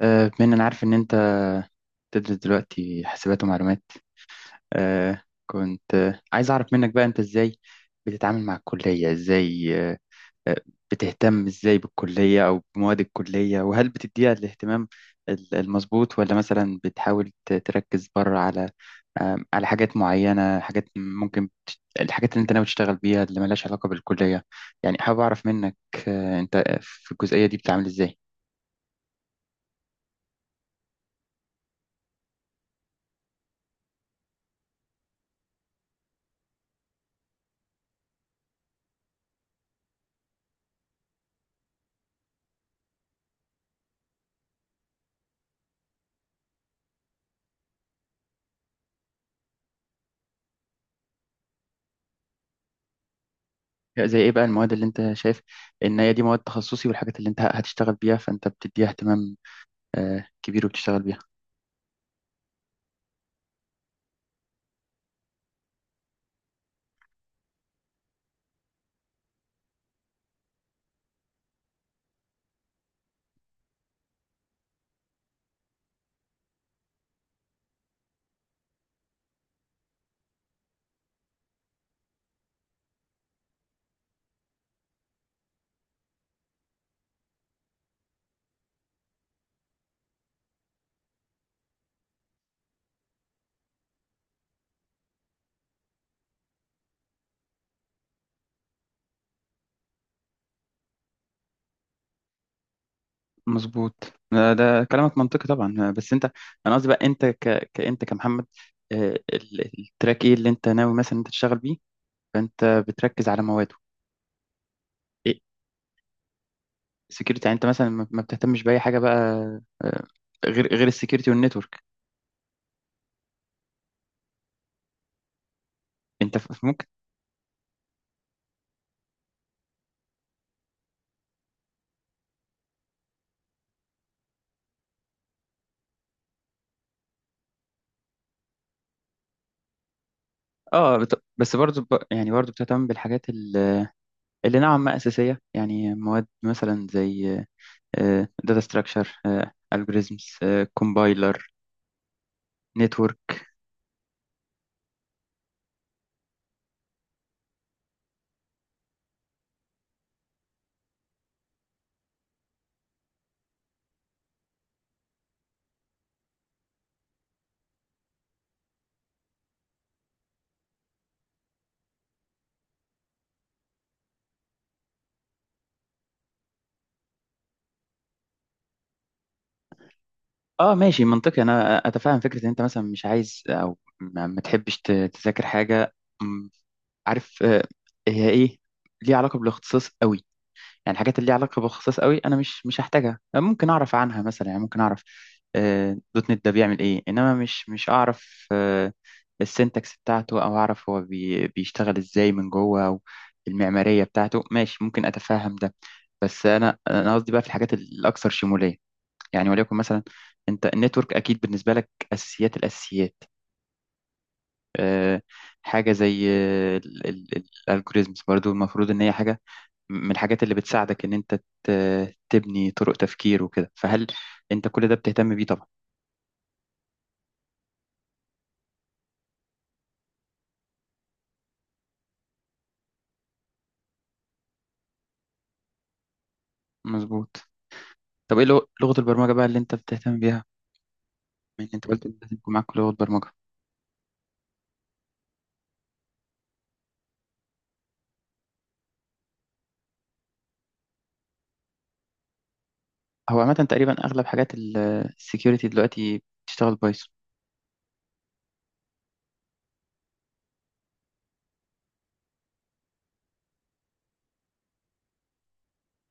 بما إن أنا عارف إن أنت تدرس دلوقتي حاسبات ومعلومات. كنت عايز أعرف منك بقى أنت إزاي بتتعامل مع الكلية، إزاي آه، بتهتم إزاي بالكلية أو بمواد الكلية، وهل بتديها الاهتمام المظبوط، ولا مثلا بتحاول تركز بره على على حاجات معينة، حاجات ممكن الحاجات اللي أنت ناوي تشتغل بيها اللي ملهاش علاقة بالكلية؟ يعني حابب أعرف منك أنت في الجزئية دي بتتعامل إزاي. زي ايه بقى المواد اللي انت شايف ان هي دي مواد تخصصي والحاجات اللي انت هتشتغل بيها، فانت بتديها اهتمام كبير وبتشتغل بيها؟ مظبوط. ده كلامك منطقي طبعا. بس انت، انا قصدي بقى انت كانت كمحمد، التراك ايه اللي انت ناوي مثلا انت تشتغل بيه فانت بتركز على مواده؟ ايه، سكيورتي؟ يعني انت مثلا ما بتهتمش باي حاجه بقى آه، غير السكيورتي والنتورك؟ انت ممكن، اه بس برضو يعني برضو بتهتم بالحاجات اللي نوعا ما اساسيه؟ يعني مواد مثلا زي داتا ستراكشر، الجوريزمز، كومبايلر، نتورك. اه ماشي، منطقي. انا اتفهم فكره ان انت مثلا مش عايز او ما تحبش تذاكر حاجه م، عارف هي ايه ليها علاقه بالاختصاص قوي. يعني الحاجات اللي ليها علاقة بالخصائص قوي أنا مش هحتاجها، ممكن أعرف عنها مثلا، يعني ممكن أعرف دوت نت ده بيعمل إيه، إنما مش أعرف السنتكس بتاعته، أو أعرف هو بيشتغل إزاي من جوه، أو المعمارية بتاعته. ماشي، ممكن أتفهم ده. بس أنا قصدي بقى في الحاجات الأكثر شمولية. يعني وليكن مثلا أنت النتورك أكيد بالنسبة لك أساسيات الأساسيات، آه، حاجة زي الالجوريزمز برضو المفروض إن هي حاجة من الحاجات اللي بتساعدك إن أنت تبني طرق تفكير وكده، فهل أنت كل ده بتهتم بيه طبعا؟ مظبوط. طب إيه لغة البرمجة بقى اللي أنت بتهتم بيها، من أنت قلت إن لازم يكون معاك لغة برمجة؟ هو عامة تقريبا أغلب حاجات السكيورتي دلوقتي بتشتغل بايثون.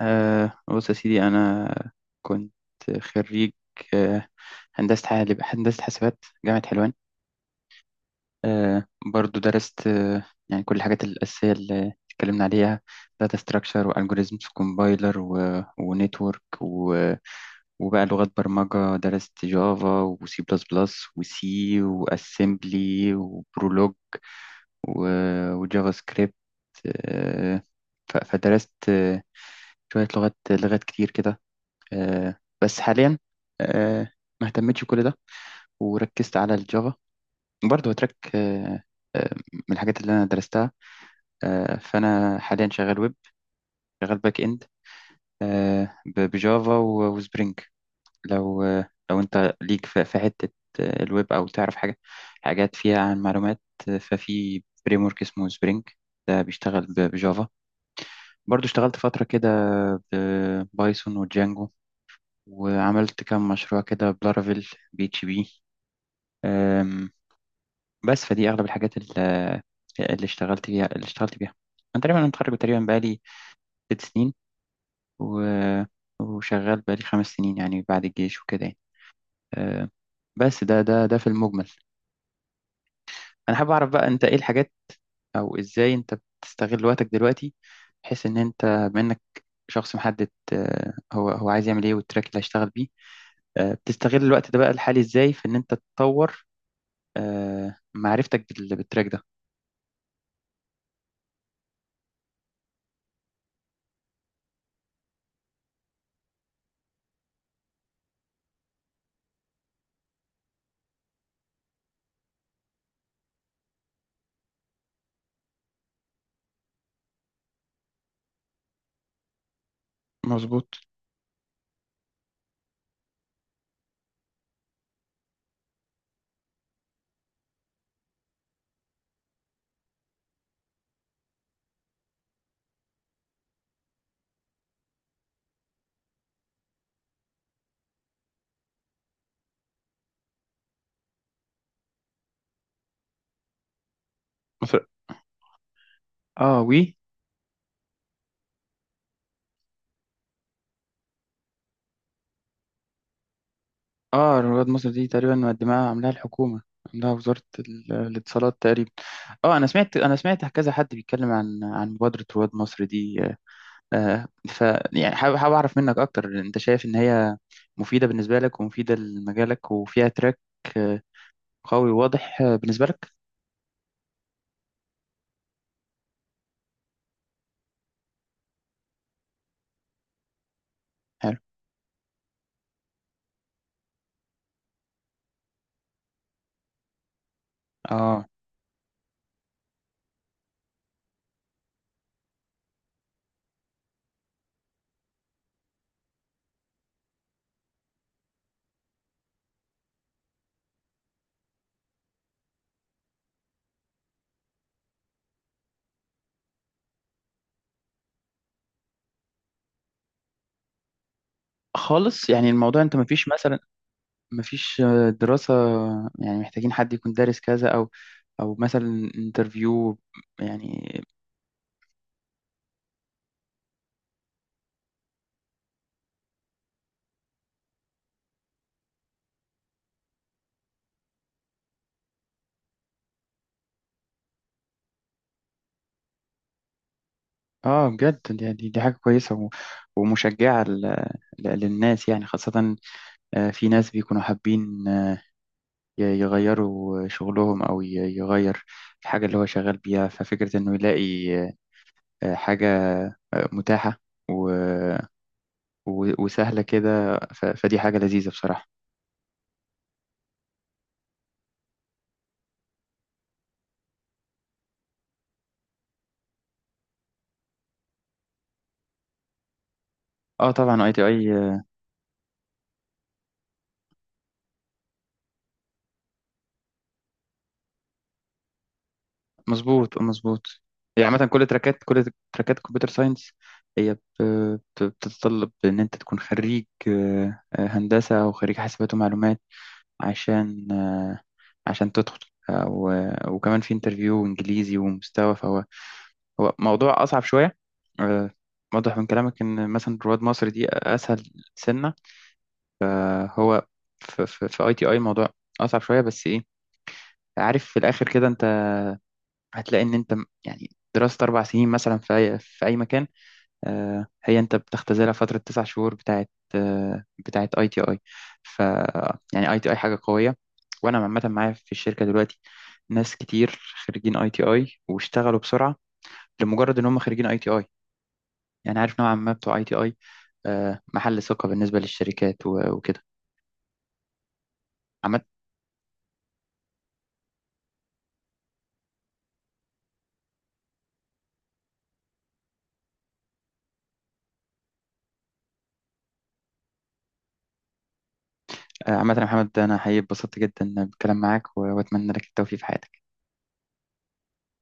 آه بص يا سيدي، أنا كنت خريج آه، هندسة هندسة حاسبات جامعة حلوان. آه، برضو درست يعني كل الحاجات الأساسية اللي اتكلمنا عليها، داتا ستراكشر والجوريزمز وكومبايلر ونتورك. وبقى لغات برمجة درست جافا وسي بلس بلس وسي واسمبلي وبرولوج وجافا سكريبت. آه، فدرست شوية لغات، كتير كده. بس حاليا آه، ما اهتمتش بكل ده وركزت على الجافا، برضه هو تراك من الحاجات اللي انا درستها. فانا حاليا شغال ويب، شغال باك اند، بجافا وسبرينج. لو لو انت ليك في في حته الويب، او تعرف حاجه، حاجات فيها عن معلومات، ففي فريم ورك اسمه سبرينج، ده بيشتغل بجافا. برضه اشتغلت فتره كده بايثون وجانجو، وعملت كام مشروع كده بلارافيل بي اتش بي. بس فدي اغلب الحاجات اللي اشتغلت فيها، اللي اشتغلت بيها. انا تقريبا متخرج، تقريبا بقالي 6 سنين و... وشغال بقالي 5 سنين يعني، بعد الجيش وكده يعني. أه، بس ده في المجمل. انا حابب اعرف بقى انت ايه الحاجات او ازاي انت بتستغل وقتك دلوقتي، بحيث ان انت، بما انك شخص محدد هو عايز يعمل ايه والتراك اللي هيشتغل بيه، بتستغل الوقت ده بقى الحالي ازاي في ان انت تطور معرفتك بالتراك ده؟ مظبوط. مثلا؟ اه. و، اه رواد مصر دي تقريبا مقدمها عاملاها الحكومة، عاملاها وزارة الاتصالات تقريبا. اه انا سمعت، انا سمعت كذا حد بيتكلم عن مبادرة رواد مصر دي. آه ف، يعني حابب اعرف منك اكتر، انت شايف ان هي مفيدة بالنسبة لك ومفيدة لمجالك وفيها تراك آه، قوي وواضح بالنسبة لك؟ حلو. اه خالص، يعني الموضوع انت مفيش مثلا، مفيش دراسة، يعني محتاجين حد يكون دارس كذا، او او مثلا انترفيو يعني؟ اه بجد دي، دي حاجة كويسة ومشجعة للناس يعني، خاصة في ناس بيكونوا حابين يغيروا شغلهم، أو يغير الحاجة اللي هو شغال بيها، ففكرة إنه يلاقي حاجة متاحة و- وسهلة كده فدي حاجة لذيذة بصراحة. اه طبعا اي تي اي مظبوط، مظبوط. يعني عامة كل تراكات، كل تراكات كمبيوتر ساينس هي بتتطلب إن أنت تكون خريج هندسة أو خريج حاسبات ومعلومات، عشان عشان تدخل. وكمان في انترفيو انجليزي ومستوى، فهو هو موضوع اصعب شويه. آه، واضح من كلامك ان مثلا رواد مصر دي اسهل سنه. هو في في اي تي اي موضوع اصعب شويه، بس ايه، عارف في الاخر كده انت هتلاقي ان انت يعني دراسه 4 سنين مثلا في اي في اي مكان هي انت بتختزلها فترة 9 شهور بتاعت بتاعت اي تي اي. ف، يعني اي تي اي حاجة قوية، وانا عامة معايا في الشركة دلوقتي ناس كتير خريجين اي تي اي، واشتغلوا بسرعة لمجرد ان هم خريجين اي تي اي. يعني عارف نوعا ما بتوع اي تي اي محل ثقة بالنسبة للشركات وكده عامة. عامة يا محمد انا حقيقي اتبسطت جدا بالكلام معاك واتمنى لك التوفيق في حياتك.